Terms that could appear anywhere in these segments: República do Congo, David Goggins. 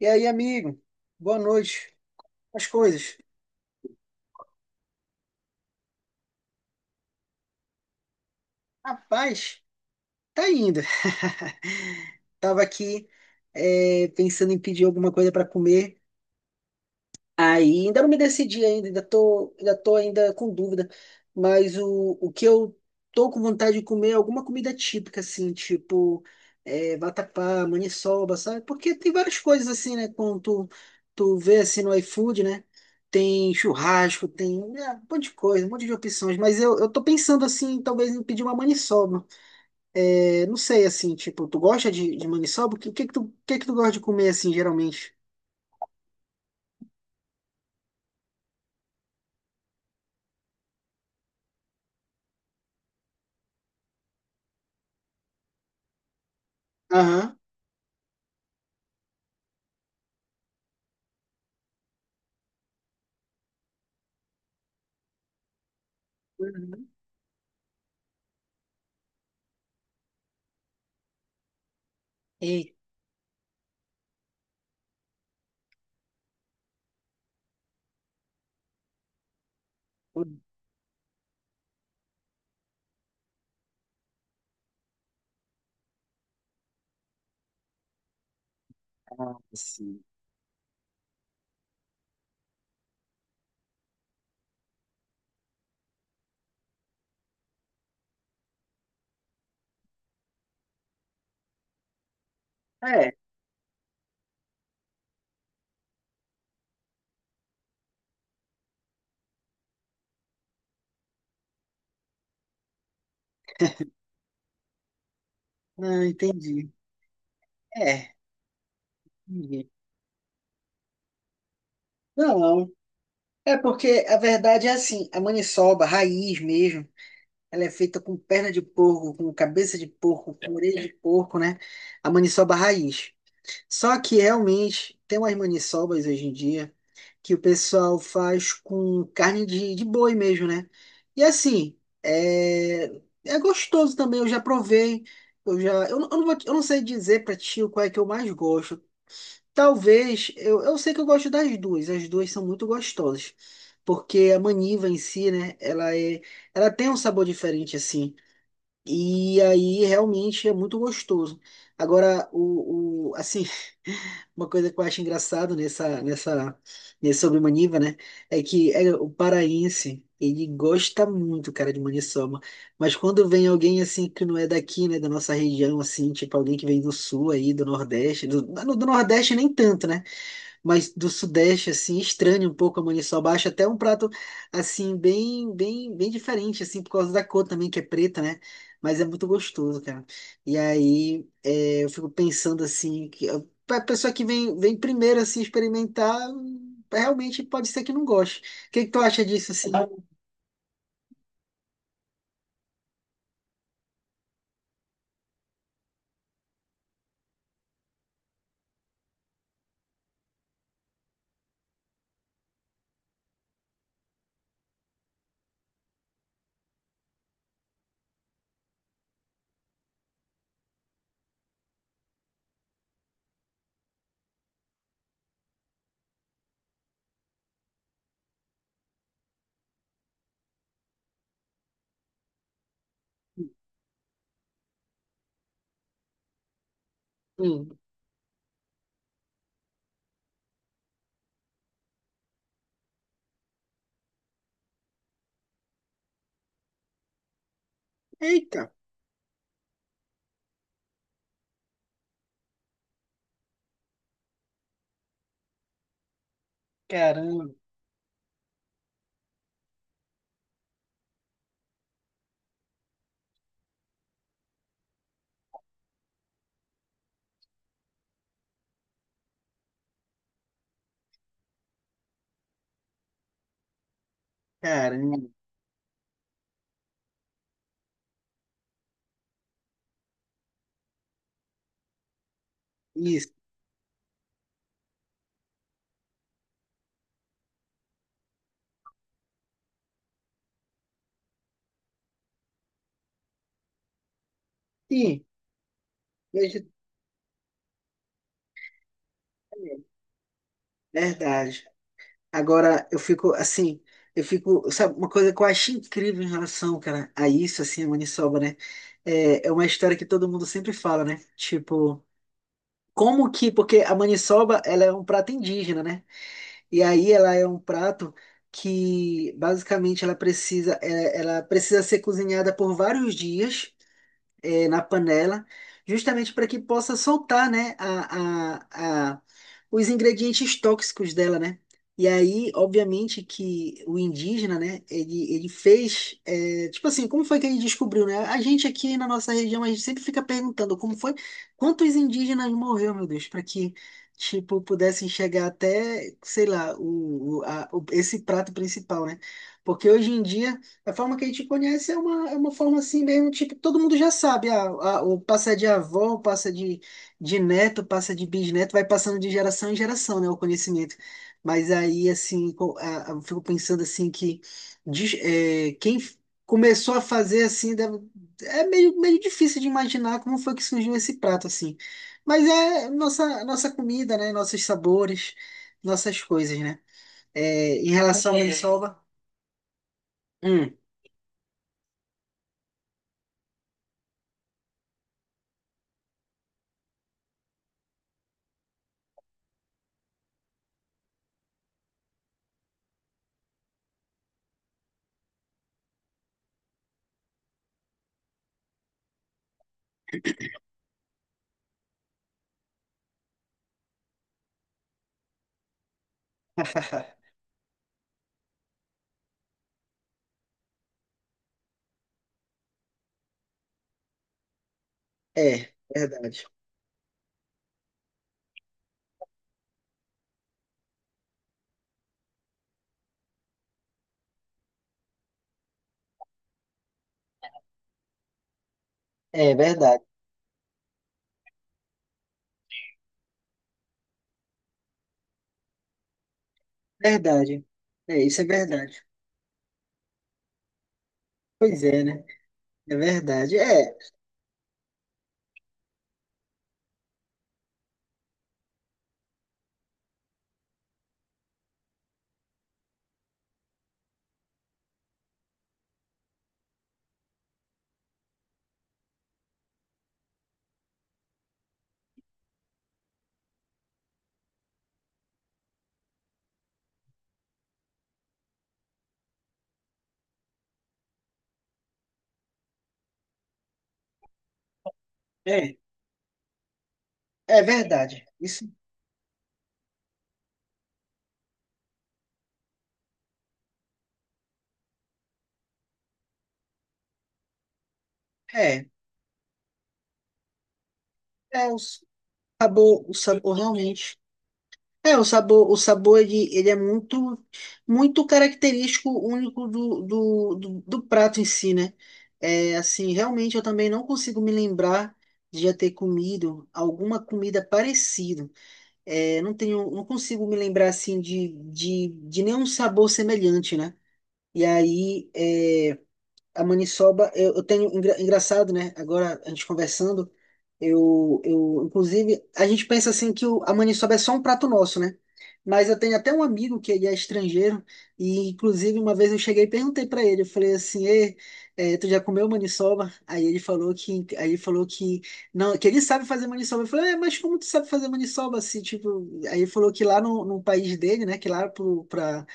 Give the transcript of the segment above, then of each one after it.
E aí, amigo? Boa noite. As coisas? Rapaz, tá indo. Tava aqui, pensando em pedir alguma coisa para comer. Aí ainda não me decidi ainda, ainda tô ainda com dúvida. Mas o que eu tô com vontade de comer é alguma comida típica, assim, tipo vatapá, maniçoba, sabe? Porque tem várias coisas assim, né? Quando tu vê assim no iFood, né? Tem churrasco, tem um monte de coisa, um monte de opções. Mas eu tô pensando assim, talvez em pedir uma maniçoba. É, não sei, assim, tipo, tu gosta de maniçoba? O que que tu gosta de comer, assim, geralmente? Aham. Uhum. Ei. Ah, sim. É, não, entendi. É, entendi. Não, é porque a verdade é assim, a maniçoba, a raiz mesmo, ela é feita com perna de porco, com cabeça de porco, com orelha de porco, né? A maniçoba raiz. Só que realmente tem umas maniçobas hoje em dia que o pessoal faz com carne de boi mesmo, né? E assim, é, é gostoso também, eu já provei. Eu já, eu não vou, eu não sei dizer pra ti qual é que eu mais gosto. Talvez, eu sei que eu gosto das duas, as duas são muito gostosas, porque a maniva em si, né, ela tem um sabor diferente assim, e aí realmente é muito gostoso. Agora, o assim, uma coisa que eu acho engraçado nesse sobre maniva, né, é que o paraense, ele gosta muito, cara, de maniçoba, mas quando vem alguém assim que não é daqui, né, da nossa região, assim, tipo alguém que vem do sul aí, do Nordeste, do Nordeste nem tanto, né? Mas do sudeste, assim, estranho um pouco a maniçoba. Acho até um prato, assim, bem, bem, bem diferente, assim, por causa da cor também, que é preta, né? Mas é muito gostoso, cara. E aí, eu fico pensando, assim, que a pra pessoa que vem primeiro, assim, experimentar, realmente pode ser que não goste. O que que tu acha disso, assim? Hum. Eita, caramba, caramba, isso. Ih, vegetariano. Verdade. Agora, eu fico, sabe, uma coisa que eu acho incrível em relação, cara, a isso, assim, a maniçoba, né? É uma história que todo mundo sempre fala, né? Tipo, porque a maniçoba, ela é um prato indígena, né? E aí ela é um prato que, basicamente, ela precisa ser cozinhada por vários dias, na panela, justamente para que possa soltar, né, os ingredientes tóxicos dela, né? E aí, obviamente, que o indígena, né, ele fez, tipo assim, como foi que ele descobriu, né? A gente aqui na nossa região, a gente sempre fica perguntando como foi, quantos indígenas morreu, meu Deus, para que, tipo, pudessem chegar até, sei lá, esse prato principal, né? Porque hoje em dia a forma que a gente conhece é uma, forma assim mesmo, tipo, todo mundo já sabe, ah, o passa de avó, passa de neto, passa de bisneto, vai passando de geração em geração, né, o conhecimento. Mas aí, assim, eu fico pensando assim que diz- eh, quem f- começou a fazer assim, é meio difícil de imaginar como foi que surgiu esse prato, assim. Mas é nossa, nossa comida, né, nossos sabores, nossas coisas, né. Eh, em relação à É. maniçoba... Hum. É, verdade. É verdade. Verdade. É, isso é verdade. Pois é, né? É verdade. É, é, verdade. Isso é. É o sabor realmente. É, o sabor ele é muito, muito característico, único do prato em si, né? É, assim, realmente eu também não consigo me lembrar de já ter comido alguma comida parecida. É, não consigo me lembrar assim de, de nenhum sabor semelhante, né? E aí, é, a maniçoba, eu engraçado, né? Agora a gente conversando, eu, inclusive, a gente pensa assim que a maniçoba é só um prato nosso, né? Mas eu tenho até um amigo que ele é estrangeiro, e inclusive uma vez eu cheguei e perguntei pra ele, eu falei assim, ei, eh, tu já comeu maniçoba? Aí ele falou que, não, que ele sabe fazer maniçoba. Eu falei, é, mas como tu sabe fazer maniçoba assim, tipo, aí ele falou que lá no país dele, né, que é lá pro, pra,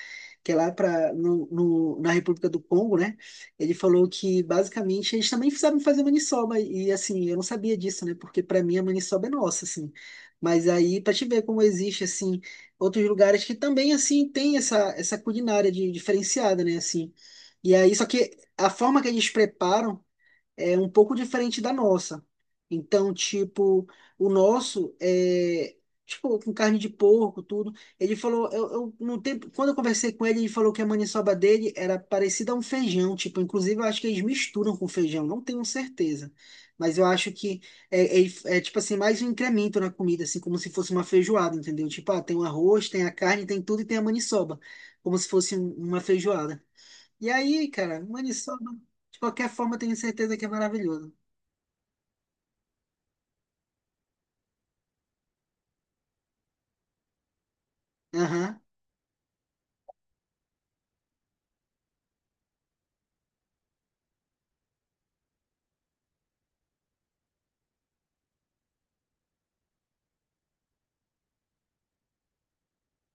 que é lá pra, na República do Congo, né? Ele falou que basicamente eles também sabem fazer maniçoba e assim, eu não sabia disso, né? Porque para mim a maniçoba é nossa, assim. Mas aí para te ver como existe assim outros lugares que também assim tem essa culinária diferenciada, né, assim. E aí só que a forma que eles preparam é um pouco diferente da nossa. Então, tipo, o nosso é tipo com carne de porco, tudo. Ele falou, eu no tempo, quando eu conversei com ele, ele falou que a maniçoba dele era parecida a um feijão, tipo, inclusive eu acho que eles misturam com feijão, não tenho certeza. Mas eu acho que é, é, tipo assim, mais um incremento na comida, assim, como se fosse uma feijoada, entendeu? Tipo, ah, tem o arroz, tem a carne, tem tudo e tem a maniçoba, como se fosse uma feijoada. E aí, cara, maniçoba, de qualquer forma, eu tenho certeza que é maravilhoso. Aham.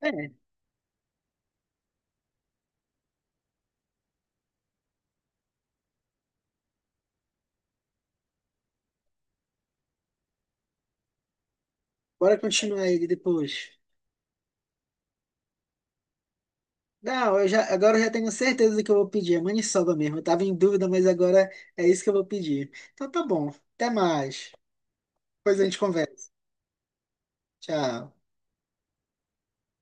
É, bora continuar ele depois. Não, agora eu já tenho certeza do que eu vou pedir. É maniçoba mesmo. Eu tava em dúvida, mas agora é isso que eu vou pedir. Então tá bom. Até mais. Depois a gente conversa. Tchau.